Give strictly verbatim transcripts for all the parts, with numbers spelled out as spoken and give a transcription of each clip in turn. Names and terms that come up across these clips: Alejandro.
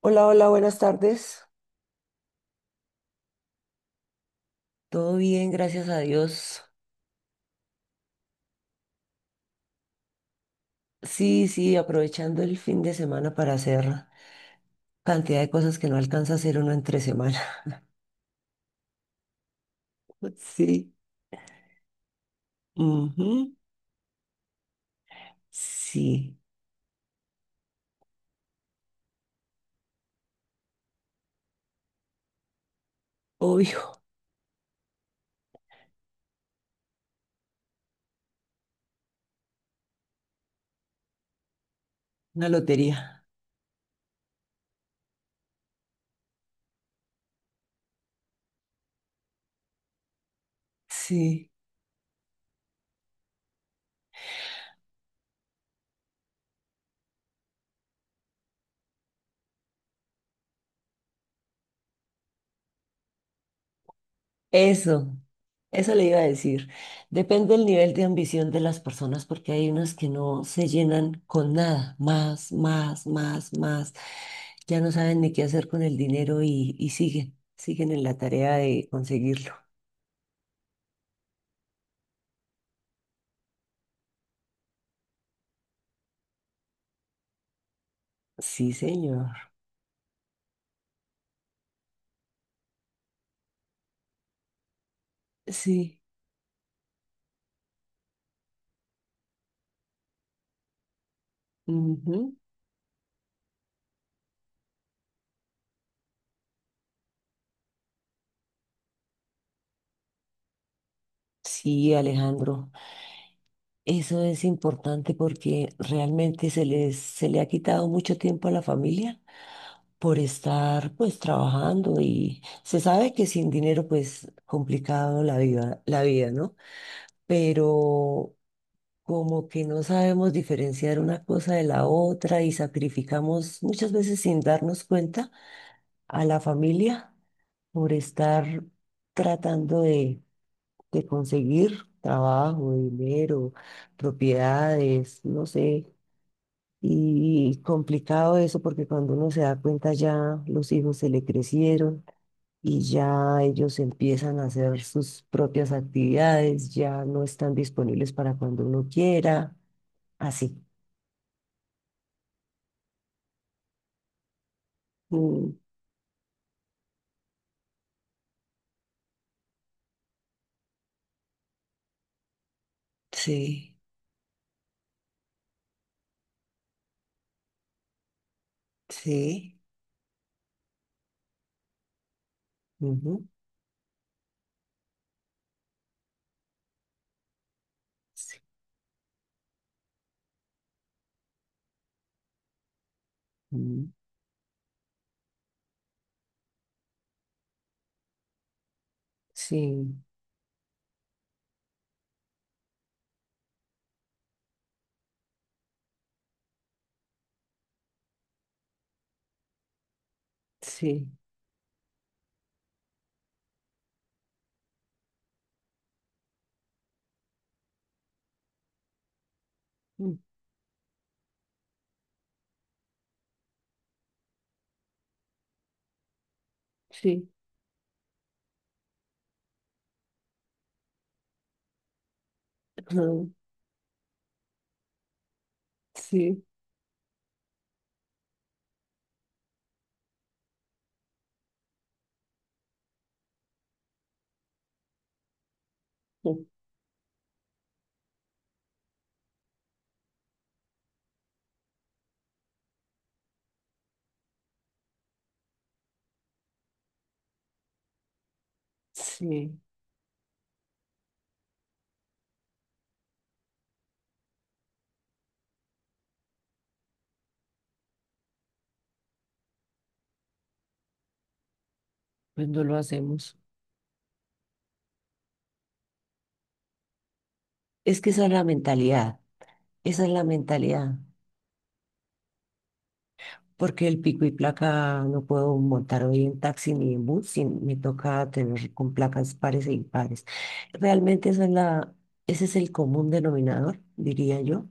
Hola, hola, buenas tardes. Todo bien, gracias a Dios. Sí, sí, aprovechando el fin de semana para hacer cantidad de cosas que no alcanza a hacer uno entre semana. Sí. Ujú. Sí, obvio. Una lotería. Sí. Eso, eso le iba a decir. Depende del nivel de ambición de las personas, porque hay unas que no se llenan con nada, más, más, más, más. Ya no saben ni qué hacer con el dinero y, y siguen, siguen en la tarea de conseguirlo. Sí, señor. Sí. Ujú. Sí, Alejandro. Eso es importante porque realmente se les, se le ha quitado mucho tiempo a la familia por estar pues trabajando y se sabe que sin dinero pues complicado la vida, la vida, ¿no? Pero como que no sabemos diferenciar una cosa de la otra y sacrificamos muchas veces sin darnos cuenta a la familia por estar tratando de, de conseguir trabajo, dinero, propiedades, no sé. Y complicado eso porque cuando uno se da cuenta ya los hijos se le crecieron y ya ellos empiezan a hacer sus propias actividades, ya no están disponibles para cuando uno quiera, así. Mm, sí, sí. Ujú. Sí. Mm. Sí, sí. Mm. Sí, ajá. Sí. Mm. Sí, pues no lo hacemos. Es que esa es la mentalidad, esa es la mentalidad. Porque el pico y placa no puedo montar hoy en taxi ni en bus, sin- me toca tener con placas pares e impares. Realmente esa es la, ese es el común denominador, diría yo.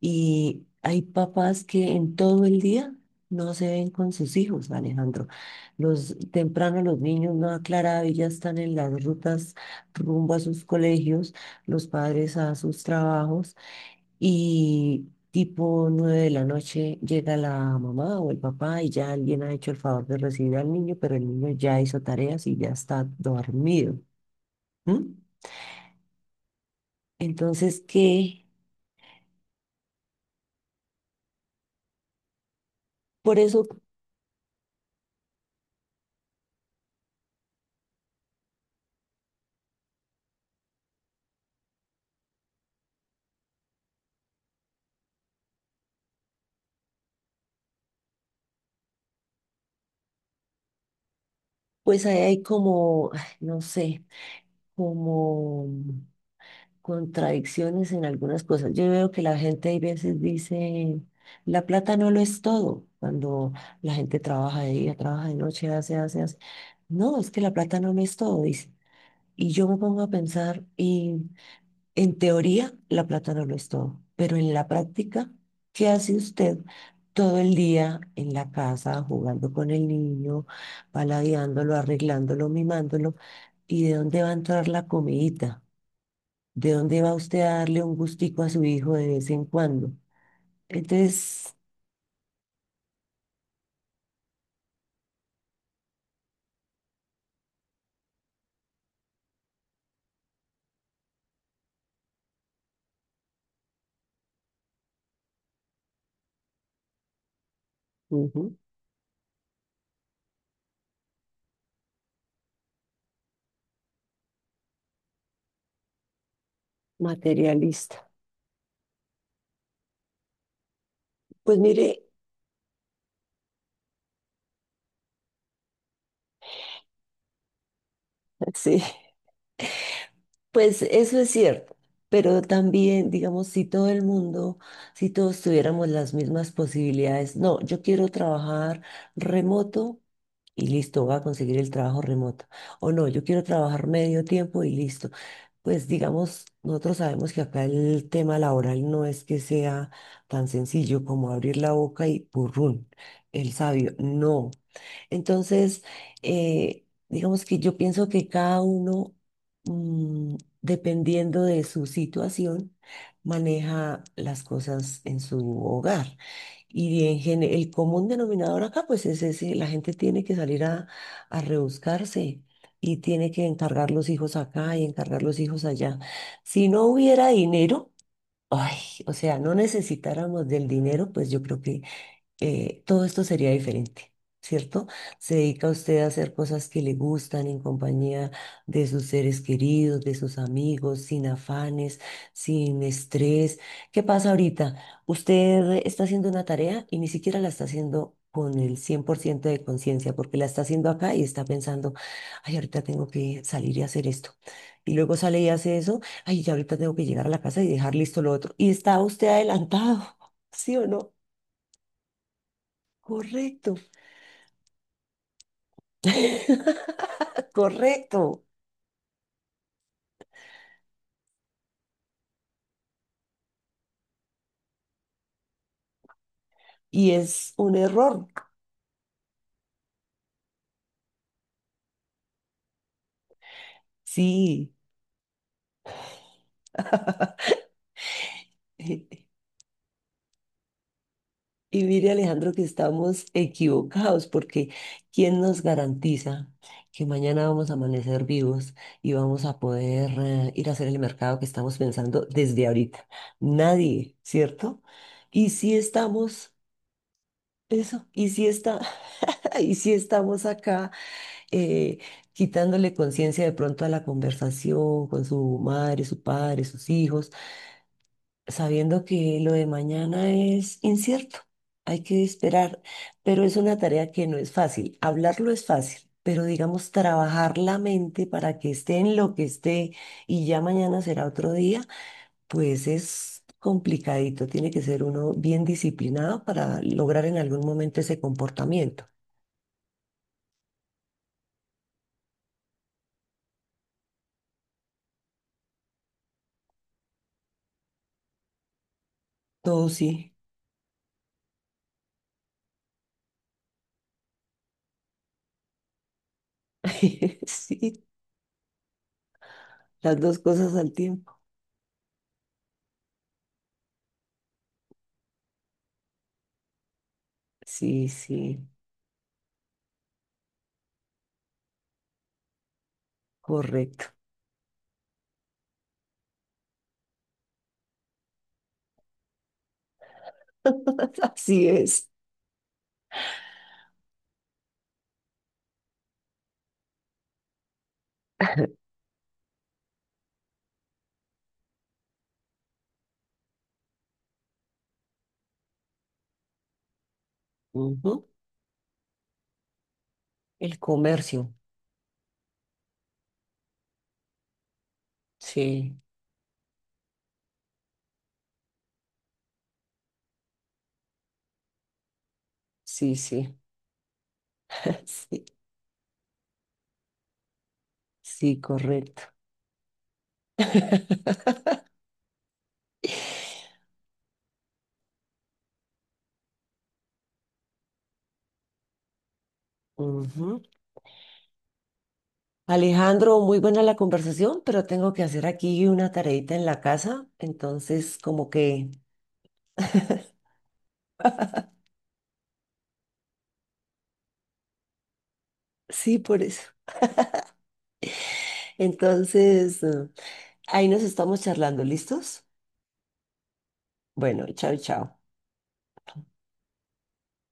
Y hay papás que en todo el día no se ven con sus hijos, Alejandro. Los temprano los niños no aclarado y ya están en las rutas rumbo a sus colegios, los padres a sus trabajos. Y tipo nueve de la noche llega la mamá o el papá y ya alguien ha hecho el favor de recibir al niño, pero el niño ya hizo tareas y ya está dormido. ¿M? Entonces, que por eso, pues ahí hay como, ay, no sé, como contradicciones en algunas cosas. Yo veo que la gente hay veces dice, la plata no lo es todo, cuando la gente trabaja de día, trabaja de noche, hace, hace, hace. No, es que la plata no lo es todo, dice. Y yo me pongo a pensar, y en teoría la plata no lo es todo, pero en la práctica, ¿qué hace usted todo el día en la casa, jugando con el niño, paladeándolo, arreglándolo, mimándolo? ¿Y de dónde va a entrar la comidita? ¿De dónde va usted a darle un gustico a su hijo de vez en cuando? Entonces, ujú, materialista. Pues mire, sí. Pues eso es cierto, pero también, digamos, si todo el mundo, si todos tuviéramos las mismas posibilidades, no, yo quiero trabajar remoto y listo, voy a conseguir el trabajo remoto. O no, yo quiero trabajar medio tiempo y listo. Pues digamos, nosotros sabemos que acá el tema laboral no es que sea tan sencillo como abrir la boca y purrún, el sabio, no. Entonces, eh, digamos que yo pienso que cada uno mm, dependiendo de su situación, maneja las cosas en su hogar. Y en gene- el común denominador acá, pues es ese, la gente tiene que salir a, a rebuscarse y tiene que encargar los hijos acá y encargar los hijos allá. Si no hubiera dinero, ay, o sea, no necesitáramos del dinero, pues yo creo que eh, todo esto sería diferente, ¿cierto? Se dedica usted a hacer cosas que le gustan en compañía de sus seres queridos, de sus amigos, sin afanes, sin estrés. ¿Qué pasa ahorita? Usted está haciendo una tarea y ni siquiera la está haciendo con el cien por ciento de conciencia, porque la está haciendo acá y está pensando, ay, ahorita tengo que salir y hacer esto. Y luego sale y hace eso, ay, ya ahorita tengo que llegar a la casa y dejar listo lo otro. Y está usted adelantado, ¿sí o no? Correcto. Correcto. Y es un error. Sí. Y mire, Alejandro, que estamos equivocados porque ¿quién nos garantiza que mañana vamos a amanecer vivos y vamos a poder eh, ir a hacer el mercado que estamos pensando desde ahorita? Nadie, ¿cierto? Y si estamos, eso, y si está, y si estamos acá eh, quitándole conciencia de pronto a la conversación con su madre, su padre, sus hijos sabiendo que lo de mañana es incierto, hay que esperar, pero es una tarea que no es fácil. Hablarlo es fácil, pero digamos trabajar la mente para que esté en lo que esté y ya mañana será otro día, pues es complicadito. Tiene que ser uno bien disciplinado para lograr en algún momento ese comportamiento. Todo sí, sí, las dos cosas al tiempo. Sí, sí, correcto. Así es. Ujú. El comercio. Sí, sí, sí. Sí, sí, correcto. Ujú. Alejandro, muy buena la conversación, pero tengo que hacer aquí una tareita en la casa, entonces como que sí, por eso. Entonces, eh, ahí nos estamos charlando, ¿listos? Bueno, chao, chao.